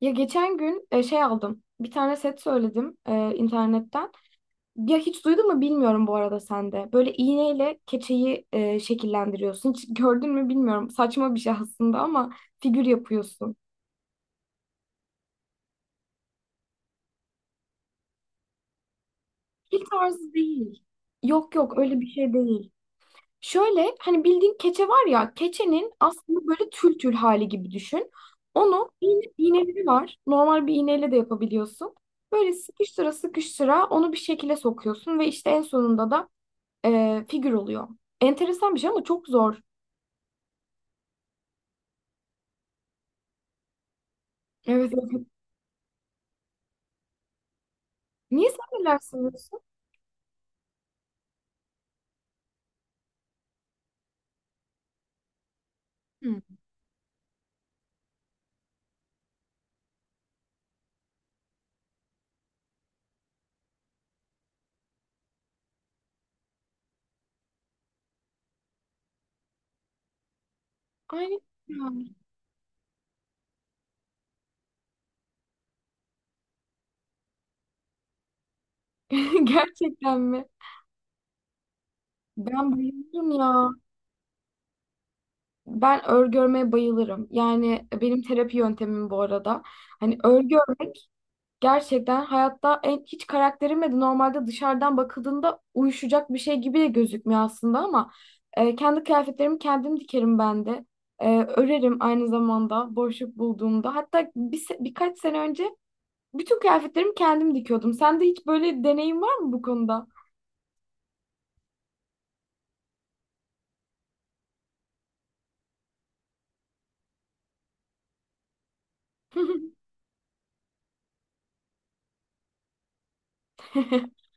Ya geçen gün şey aldım. Bir tane set söyledim internetten. Ya hiç duydun mu bilmiyorum bu arada sen de. Böyle iğneyle keçeyi şekillendiriyorsun. Hiç gördün mü bilmiyorum. Saçma bir şey aslında ama figür yapıyorsun. Kil tarzı değil. Yok yok öyle bir şey değil. Şöyle hani bildiğin keçe var ya, keçenin aslında böyle tül tül hali gibi düşün. Onu iğneleri var. Normal bir iğneyle de yapabiliyorsun. Böyle sıkıştıra sıkıştıra onu bir şekilde sokuyorsun ve işte en sonunda da figür oluyor. Enteresan bir şey ama çok zor. Evet. Evet. Niye, sen neler sanıyorsun? Hı. Aynı yani. Gerçekten mi? Ben bayılırım ya. Ben örgü örmeye bayılırım. Yani benim terapi yöntemim bu arada. Hani örgü örmek gerçekten hayatta hiç karakterime de normalde dışarıdan bakıldığında uyuşacak bir şey gibi de gözükmüyor aslında, ama kendi kıyafetlerimi kendim dikerim ben de. Örerim aynı zamanda boşluk bulduğumda. Hatta birkaç sene önce bütün kıyafetlerimi kendim dikiyordum. Sende hiç böyle deneyim var mı bu konuda?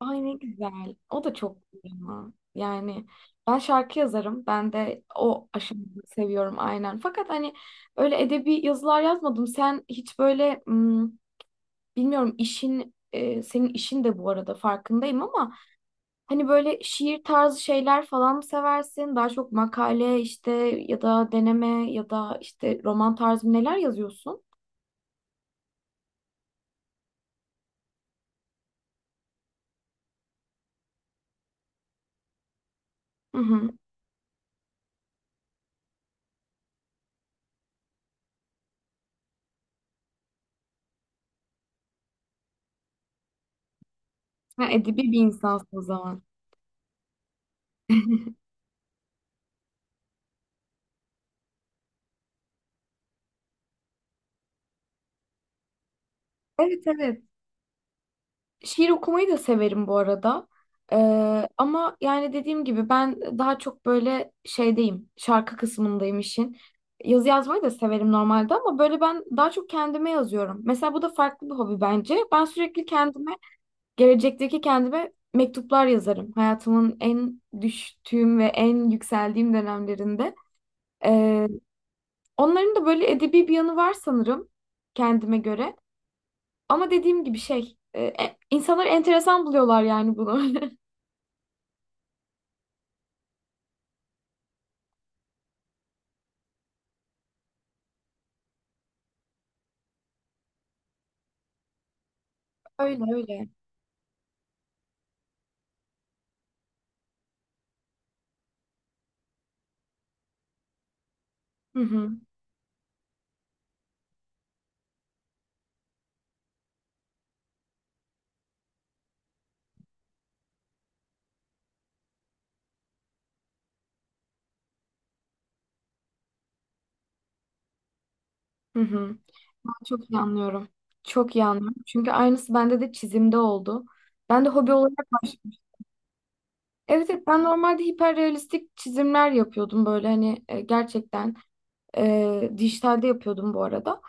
Ay, ne güzel. O da çok güzel ama. Yani ben şarkı yazarım. Ben de o aşamayı seviyorum aynen. Fakat hani öyle edebi yazılar yazmadım. Sen hiç böyle, bilmiyorum senin işin de bu arada farkındayım ama hani böyle şiir tarzı şeyler falan mı seversin? Daha çok makale, işte ya da deneme ya da işte roman tarzı, neler yazıyorsun? Hı hı. Ha, edebi bir insansın o zaman. Evet, evet. Şiir okumayı da severim bu arada. Ama yani dediğim gibi ben daha çok böyle şeydeyim. Şarkı kısmındayım işin. Yazı yazmayı da severim normalde ama böyle ben daha çok kendime yazıyorum. Mesela bu da farklı bir hobi bence. Ben sürekli kendime, gelecekteki kendime mektuplar yazarım. Hayatımın en düştüğüm ve en yükseldiğim dönemlerinde. Ee, Onların da böyle edebi bir yanı var sanırım, kendime göre. Ama dediğim gibi, insanlar enteresan buluyorlar yani bunu. Öyle öyle. Hı hı. Hı hı. Ben çok iyi anlıyorum. Çok iyi anlıyorum. Çünkü aynısı bende de çizimde oldu. Ben de hobi olarak başladım. Evet, evet, ben normalde hiperrealistik çizimler yapıyordum, böyle hani gerçekten. Dijitalde yapıyordum bu arada.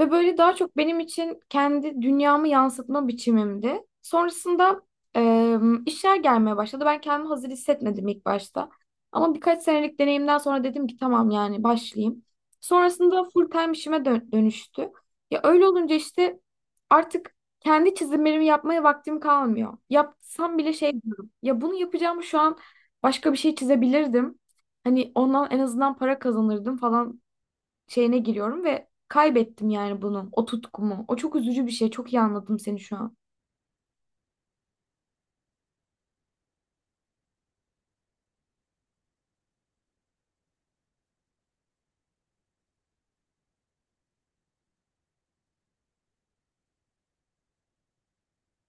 Ve böyle daha çok benim için kendi dünyamı yansıtma biçimimdi. Sonrasında e, işler gelmeye başladı. Ben kendimi hazır hissetmedim ilk başta. Ama birkaç senelik deneyimden sonra dedim ki tamam, yani başlayayım. Sonrasında full time işime dönüştü. Ya öyle olunca işte artık kendi çizimlerimi yapmaya vaktim kalmıyor. Yapsam bile şey diyorum. Ya bunu yapacağım şu an, başka bir şey çizebilirdim. Hani ondan en azından para kazanırdım falan şeyine giriyorum ve kaybettim yani bunu, o tutkumu. O çok üzücü bir şey. Çok iyi anladım seni şu an.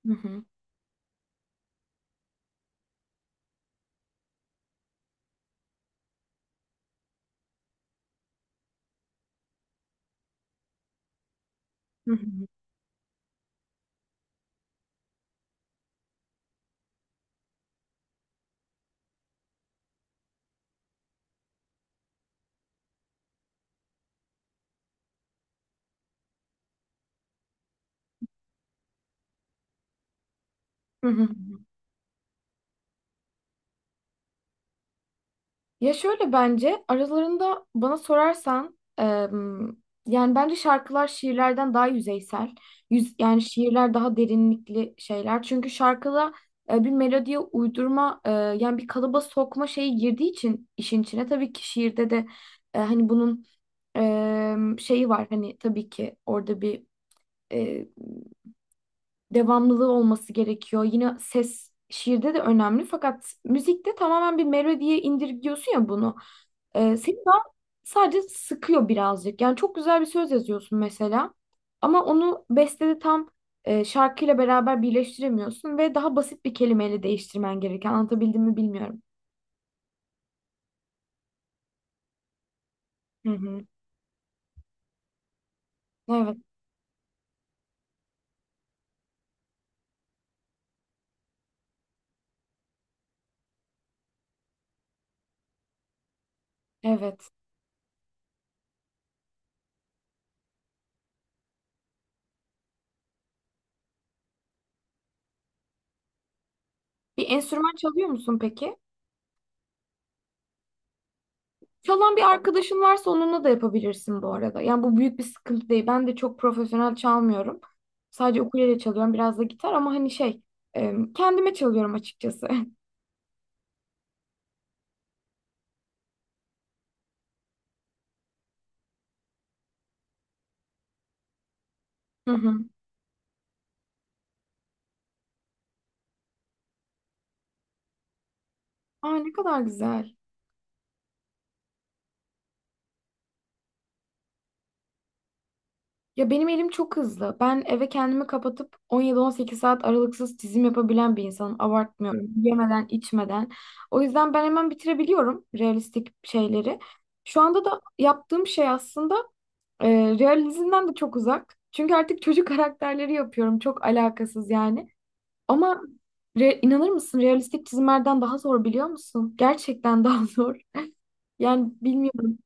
Hı hı. Hı hı. Hı hı. Ya şöyle, bence aralarında, bana sorarsan yani bence şarkılar şiirlerden daha yüzeysel. Yani şiirler daha derinlikli şeyler. Çünkü şarkıda bir melodiye uydurma, yani bir kalıba sokma şeyi girdiği için işin içine. Tabii ki şiirde de hani bunun şeyi var, hani tabii ki orada bir e, devamlılığı olması gerekiyor. Yine ses şiirde de önemli, fakat müzikte tamamen bir melodiye indirgiyorsun ya bunu. Seni daha sadece sıkıyor birazcık. Yani çok güzel bir söz yazıyorsun mesela ama onu bestede tam şarkıyla beraber birleştiremiyorsun ve daha basit bir kelimeyle değiştirmen gereken. Anlatabildim mi bilmiyorum. Hı hı. Evet, evet. Bir enstrüman çalıyor musun peki? Çalan bir arkadaşın varsa onunla da yapabilirsin bu arada. Yani bu büyük bir sıkıntı değil. Ben de çok profesyonel çalmıyorum. Sadece ukulele çalıyorum, biraz da gitar, ama hani şey, kendime çalıyorum açıkçası. Hı hı. Aa, ne kadar güzel. Ya benim elim çok hızlı. Ben eve kendimi kapatıp 17-18 saat aralıksız çizim yapabilen bir insanım. Abartmıyorum. Yemeden, içmeden. O yüzden ben hemen bitirebiliyorum realistik şeyleri. Şu anda da yaptığım şey aslında E, realizmden de çok uzak. Çünkü artık çocuk karakterleri yapıyorum. Çok alakasız yani. Ama inanır mısın, realistik çizimlerden daha zor biliyor musun? Gerçekten daha zor. Yani bilmiyorum.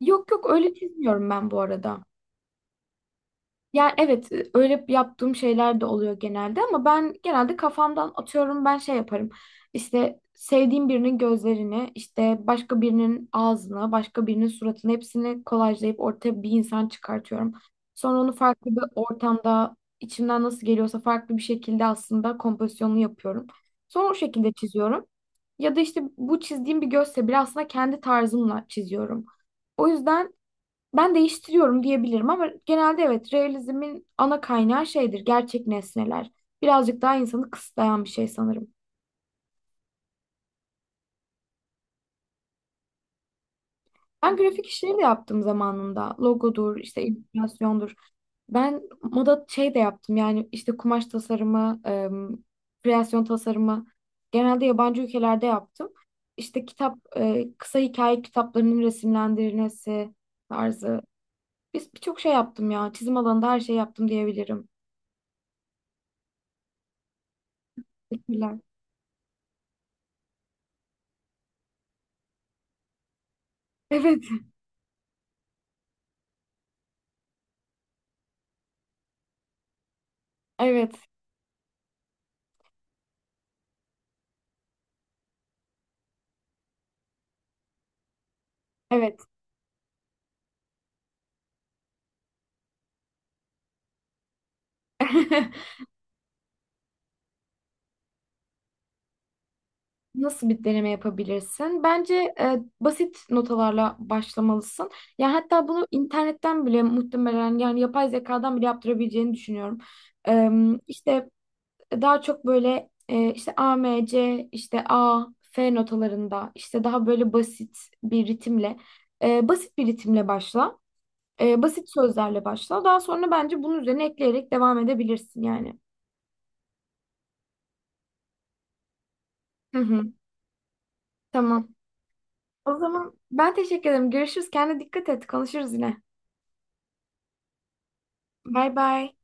Yok yok, öyle çizmiyorum ben bu arada. Yani evet, öyle yaptığım şeyler de oluyor genelde, ama ben genelde kafamdan atıyorum, ben şey yaparım. İşte sevdiğim birinin gözlerini, işte başka birinin ağzını, başka birinin suratını, hepsini kolajlayıp ortaya bir insan çıkartıyorum. Sonra onu farklı bir ortamda, içimden nasıl geliyorsa farklı bir şekilde aslında kompozisyonunu yapıyorum. Sonra o şekilde çiziyorum. Ya da işte bu çizdiğim bir gözse bile, aslında kendi tarzımla çiziyorum. O yüzden ben değiştiriyorum diyebilirim ama genelde, evet, realizmin ana kaynağı şeydir, gerçek nesneler. Birazcık daha insanı kısıtlayan bir şey sanırım. Ben grafik işleri de yaptım zamanında. Logodur, işte illüstrasyondur. Ben moda şey de yaptım, yani işte kumaş tasarımı, kreasyon tasarımı, genelde yabancı ülkelerde yaptım. İşte kısa hikaye kitaplarının resimlendirilmesi tarzı. Biz birçok şey yaptım ya. Çizim alanında her şey yaptım diyebilirim. Teşekkürler. Evet, evet. Evet. Nasıl bir deneme yapabilirsin? Bence basit notalarla başlamalısın. Ya hatta bunu internetten bile, muhtemelen yani yapay zekadan bile yaptırabileceğini düşünüyorum. E, işte daha çok böyle işte A, M, C, işte A, F notalarında, işte daha böyle basit bir ritimle başla. Basit sözlerle başla. Daha sonra bence bunun üzerine ekleyerek devam edebilirsin yani. Hı hı. Tamam. O zaman ben teşekkür ederim. Görüşürüz. Kendine dikkat et. Konuşuruz yine. Bay bay.